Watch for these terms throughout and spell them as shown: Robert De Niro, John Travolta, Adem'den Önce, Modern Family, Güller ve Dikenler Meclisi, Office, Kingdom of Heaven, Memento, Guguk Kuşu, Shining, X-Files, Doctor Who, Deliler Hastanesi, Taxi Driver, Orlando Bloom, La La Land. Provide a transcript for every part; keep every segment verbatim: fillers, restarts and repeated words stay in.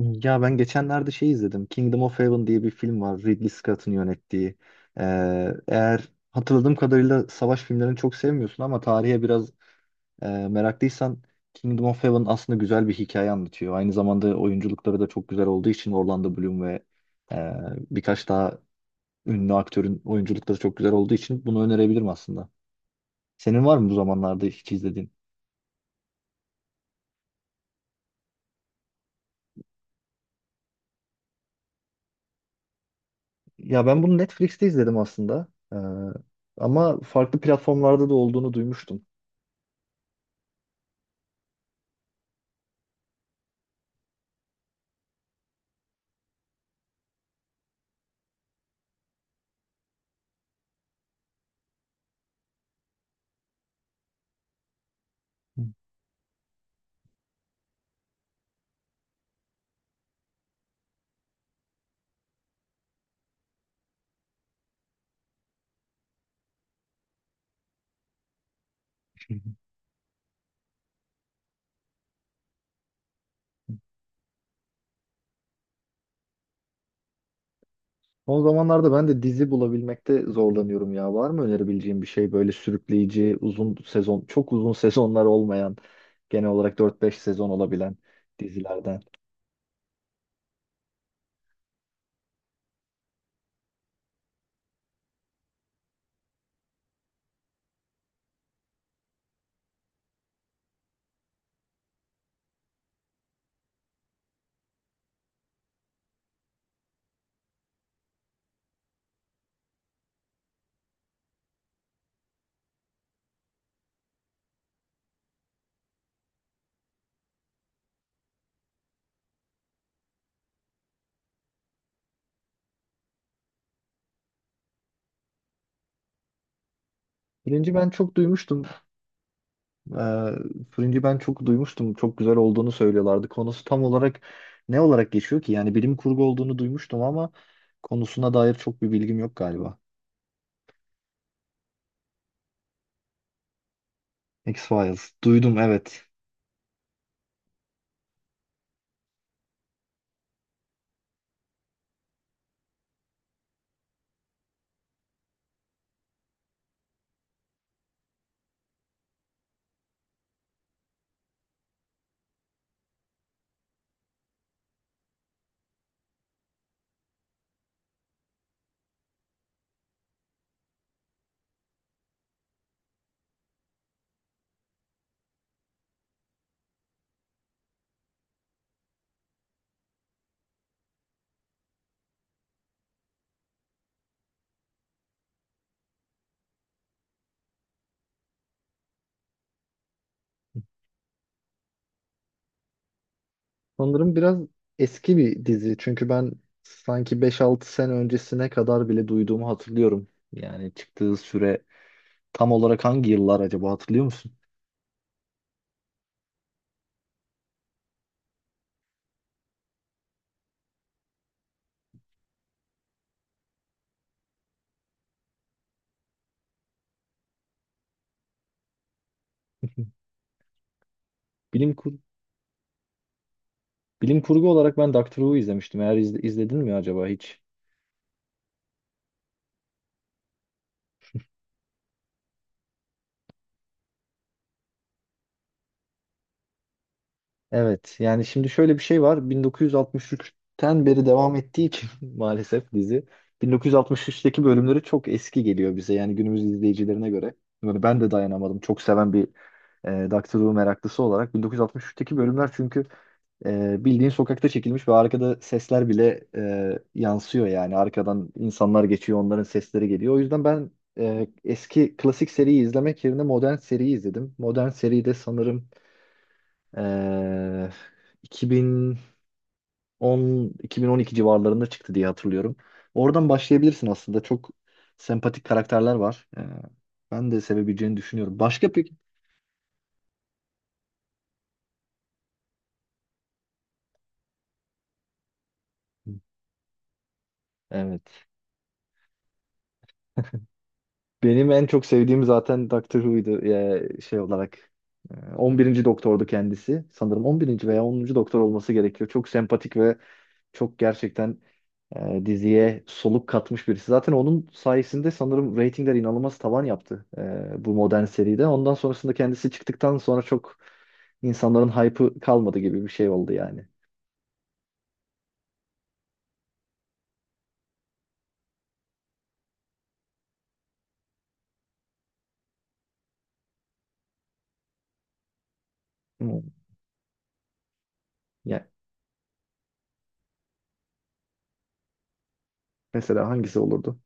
Ya ben geçenlerde şey izledim. Kingdom of Heaven diye bir film var. Ridley Scott'ın yönettiği. Ee, eğer hatırladığım kadarıyla savaş filmlerini çok sevmiyorsun ama tarihe biraz e, meraklıysan Kingdom of Heaven aslında güzel bir hikaye anlatıyor. Aynı zamanda oyunculukları da çok güzel olduğu için Orlando Bloom ve e, birkaç daha ünlü aktörün oyunculukları çok güzel olduğu için bunu önerebilirim aslında. Senin var mı bu zamanlarda hiç izlediğin? Ya ben bunu Netflix'te izledim aslında. Ee, ama farklı platformlarda da olduğunu duymuştum. Hı hı. Son zamanlarda ben de dizi bulabilmekte zorlanıyorum ya. Var mı önerebileceğim bir şey böyle sürükleyici, uzun sezon, çok uzun sezonlar olmayan, genel olarak dört beş sezon olabilen dizilerden? Fringe'i ben çok duymuştum. Ee, Fringe'i ben çok duymuştum. Çok güzel olduğunu söylüyorlardı. Konusu tam olarak ne olarak geçiyor ki? Yani bilim kurgu olduğunu duymuştum ama konusuna dair çok bir bilgim yok galiba. X-Files. Duydum, evet. Sanırım biraz eski bir dizi. Çünkü ben sanki beş altı sene öncesine kadar bile duyduğumu hatırlıyorum. Yani çıktığı süre tam olarak hangi yıllar acaba hatırlıyor musun? Bilim kur bilim kurgu olarak ben Doctor Who izlemiştim. Eğer izle- izledin mi acaba hiç? Evet, yani şimdi şöyle bir şey var, bin dokuz yüz altmış üçten beri devam ettiği için maalesef dizi bin dokuz yüz altmış üçteki bölümleri çok eski geliyor bize yani günümüz izleyicilerine göre. Yani ben de dayanamadım çok seven bir e, Doctor Who meraklısı olarak bin dokuz yüz altmış üçteki bölümler çünkü e, bildiğin sokakta çekilmiş ve arkada sesler bile e, yansıyor yani arkadan insanlar geçiyor onların sesleri geliyor. O yüzden ben e, eski klasik seriyi izlemek yerine modern seriyi izledim. Modern seride sanırım ee, iki bin on iki bin on iki civarlarında çıktı diye hatırlıyorum. Oradan başlayabilirsin aslında. Çok sempatik karakterler var. Ee, ben de sevebileceğini düşünüyorum. Başka peki? Evet. Benim en çok sevdiğim zaten Doctor Who'ydu ya şey olarak. Ee, on birinci. Doktor'du kendisi. Sanırım on birinci veya onuncu. Doktor olması gerekiyor. Çok sempatik ve çok gerçekten e, diziye soluk katmış birisi. Zaten onun sayesinde sanırım reytingler inanılmaz tavan yaptı e, bu modern seride. Ondan sonrasında kendisi çıktıktan sonra çok insanların hype'ı kalmadı gibi bir şey oldu yani. Hmm. Ya, mesela hangisi olurdu?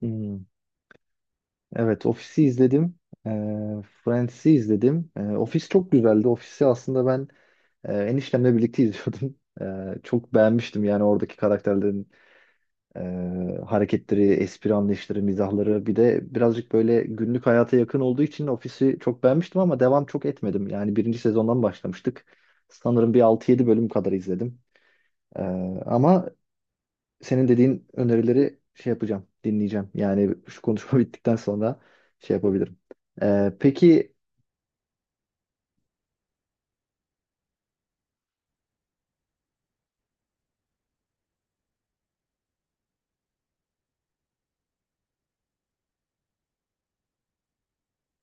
Hmm. Evet, Office'i izledim. E, Friends'i izledim. E, Office çok güzeldi. Office'i aslında ben e, eniştemle birlikte izliyordum. E, çok beğenmiştim yani oradaki karakterlerin Ee, hareketleri, espri anlayışları, mizahları bir de birazcık böyle günlük hayata yakın olduğu için ofisi çok beğenmiştim ama devam çok etmedim. Yani birinci sezondan başlamıştık. Sanırım bir altı yedi bölüm kadar izledim. Ee, ama senin dediğin önerileri şey yapacağım, dinleyeceğim. Yani şu konuşma bittikten sonra şey yapabilirim. Ee, peki.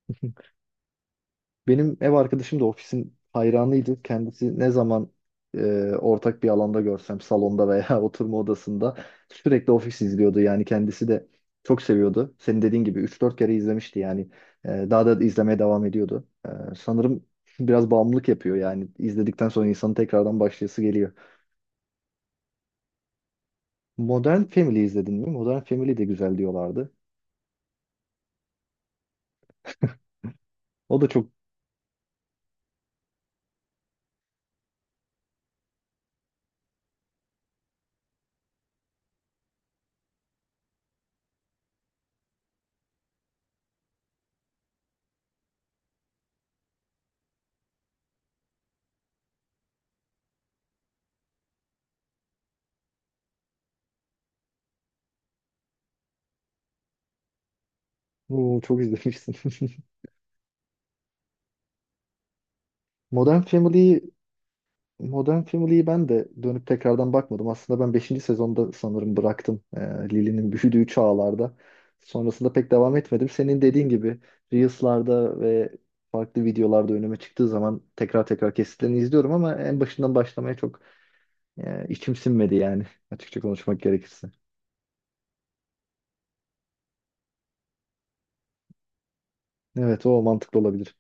Benim ev arkadaşım da ofisin hayranıydı. Kendisi ne zaman e, ortak bir alanda görsem salonda veya oturma odasında sürekli ofis izliyordu. Yani kendisi de çok seviyordu. Senin dediğin gibi üç dört kere izlemişti yani. E, daha da izlemeye devam ediyordu. E, sanırım biraz bağımlılık yapıyor yani. İzledikten sonra insanın tekrardan başlayası geliyor. Modern Family izledin mi? Modern Family de güzel diyorlardı. O da çok. Oo, çok izlemişsin. Modern Family'yi Modern Family'yi ben de dönüp tekrardan bakmadım. Aslında ben beşinci sezonda sanırım bıraktım. Ee, Lily'nin büyüdüğü çağlarda. Sonrasında pek devam etmedim. Senin dediğin gibi Reels'larda ve farklı videolarda önüme çıktığı zaman tekrar tekrar kesitlerini izliyorum ama en başından başlamaya çok e, içim sinmedi yani açıkça konuşmak gerekirse. Evet, o mantıklı olabilir.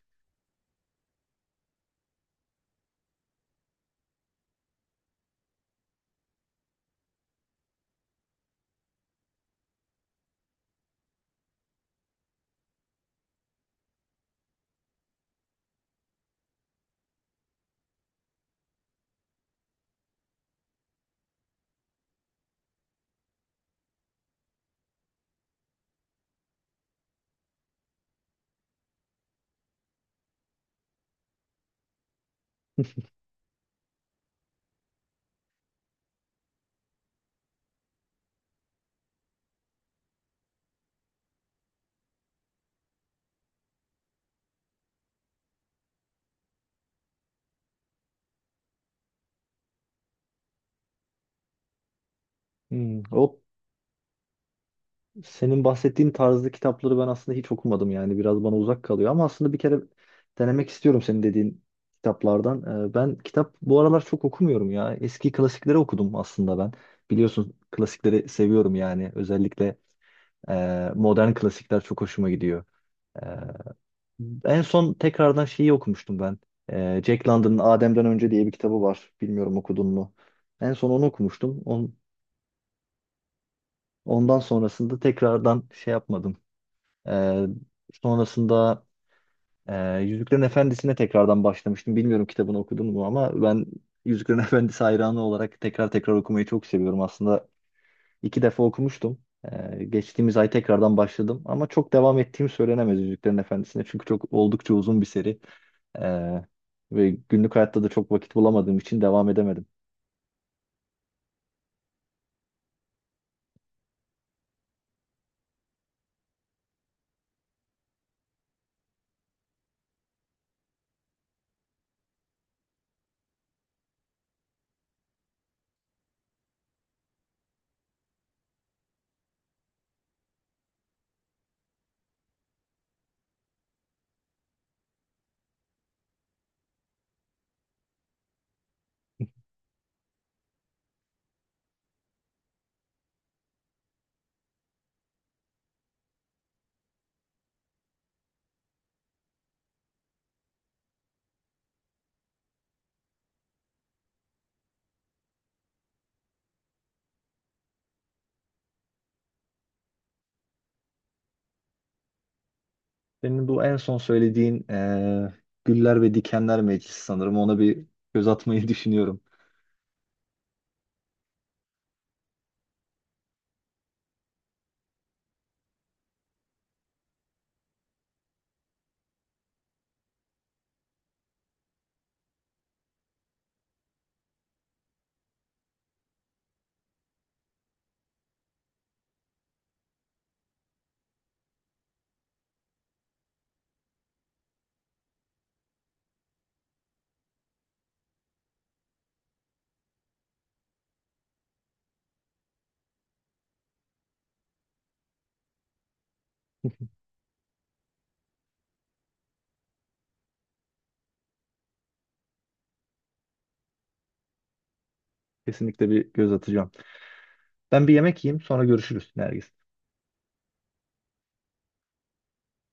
Hmm, o. Senin bahsettiğin tarzda kitapları ben aslında hiç okumadım yani biraz bana uzak kalıyor ama aslında bir kere denemek istiyorum senin dediğin kitaplardan. Ee, Ben kitap bu aralar çok okumuyorum ya. Eski klasikleri okudum aslında ben. Biliyorsun klasikleri seviyorum yani özellikle e, modern klasikler çok hoşuma gidiyor. Ee, En son tekrardan şeyi okumuştum ben. Ee, Jack London'ın Adem'den Önce diye bir kitabı var. Bilmiyorum, okudun mu? En son onu okumuştum. On- Ondan sonrasında tekrardan şey yapmadım. Ee, sonrasında e, Yüzüklerin Efendisi'ne tekrardan başlamıştım. Bilmiyorum kitabını okudun mu ama ben Yüzüklerin Efendisi hayranı olarak tekrar tekrar okumayı çok seviyorum. Aslında iki defa okumuştum. Ee, geçtiğimiz ay tekrardan başladım ama çok devam ettiğim söylenemez Yüzüklerin Efendisi'ne çünkü çok oldukça uzun bir seri. Ee, ve günlük hayatta da çok vakit bulamadığım için devam edemedim. Senin bu en son söylediğin e, Güller ve Dikenler Meclisi, sanırım ona bir göz atmayı düşünüyorum. Kesinlikle bir göz atacağım. Ben bir yemek yiyeyim, sonra görüşürüz Nergis.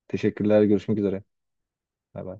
Teşekkürler, görüşmek üzere. Bay bay.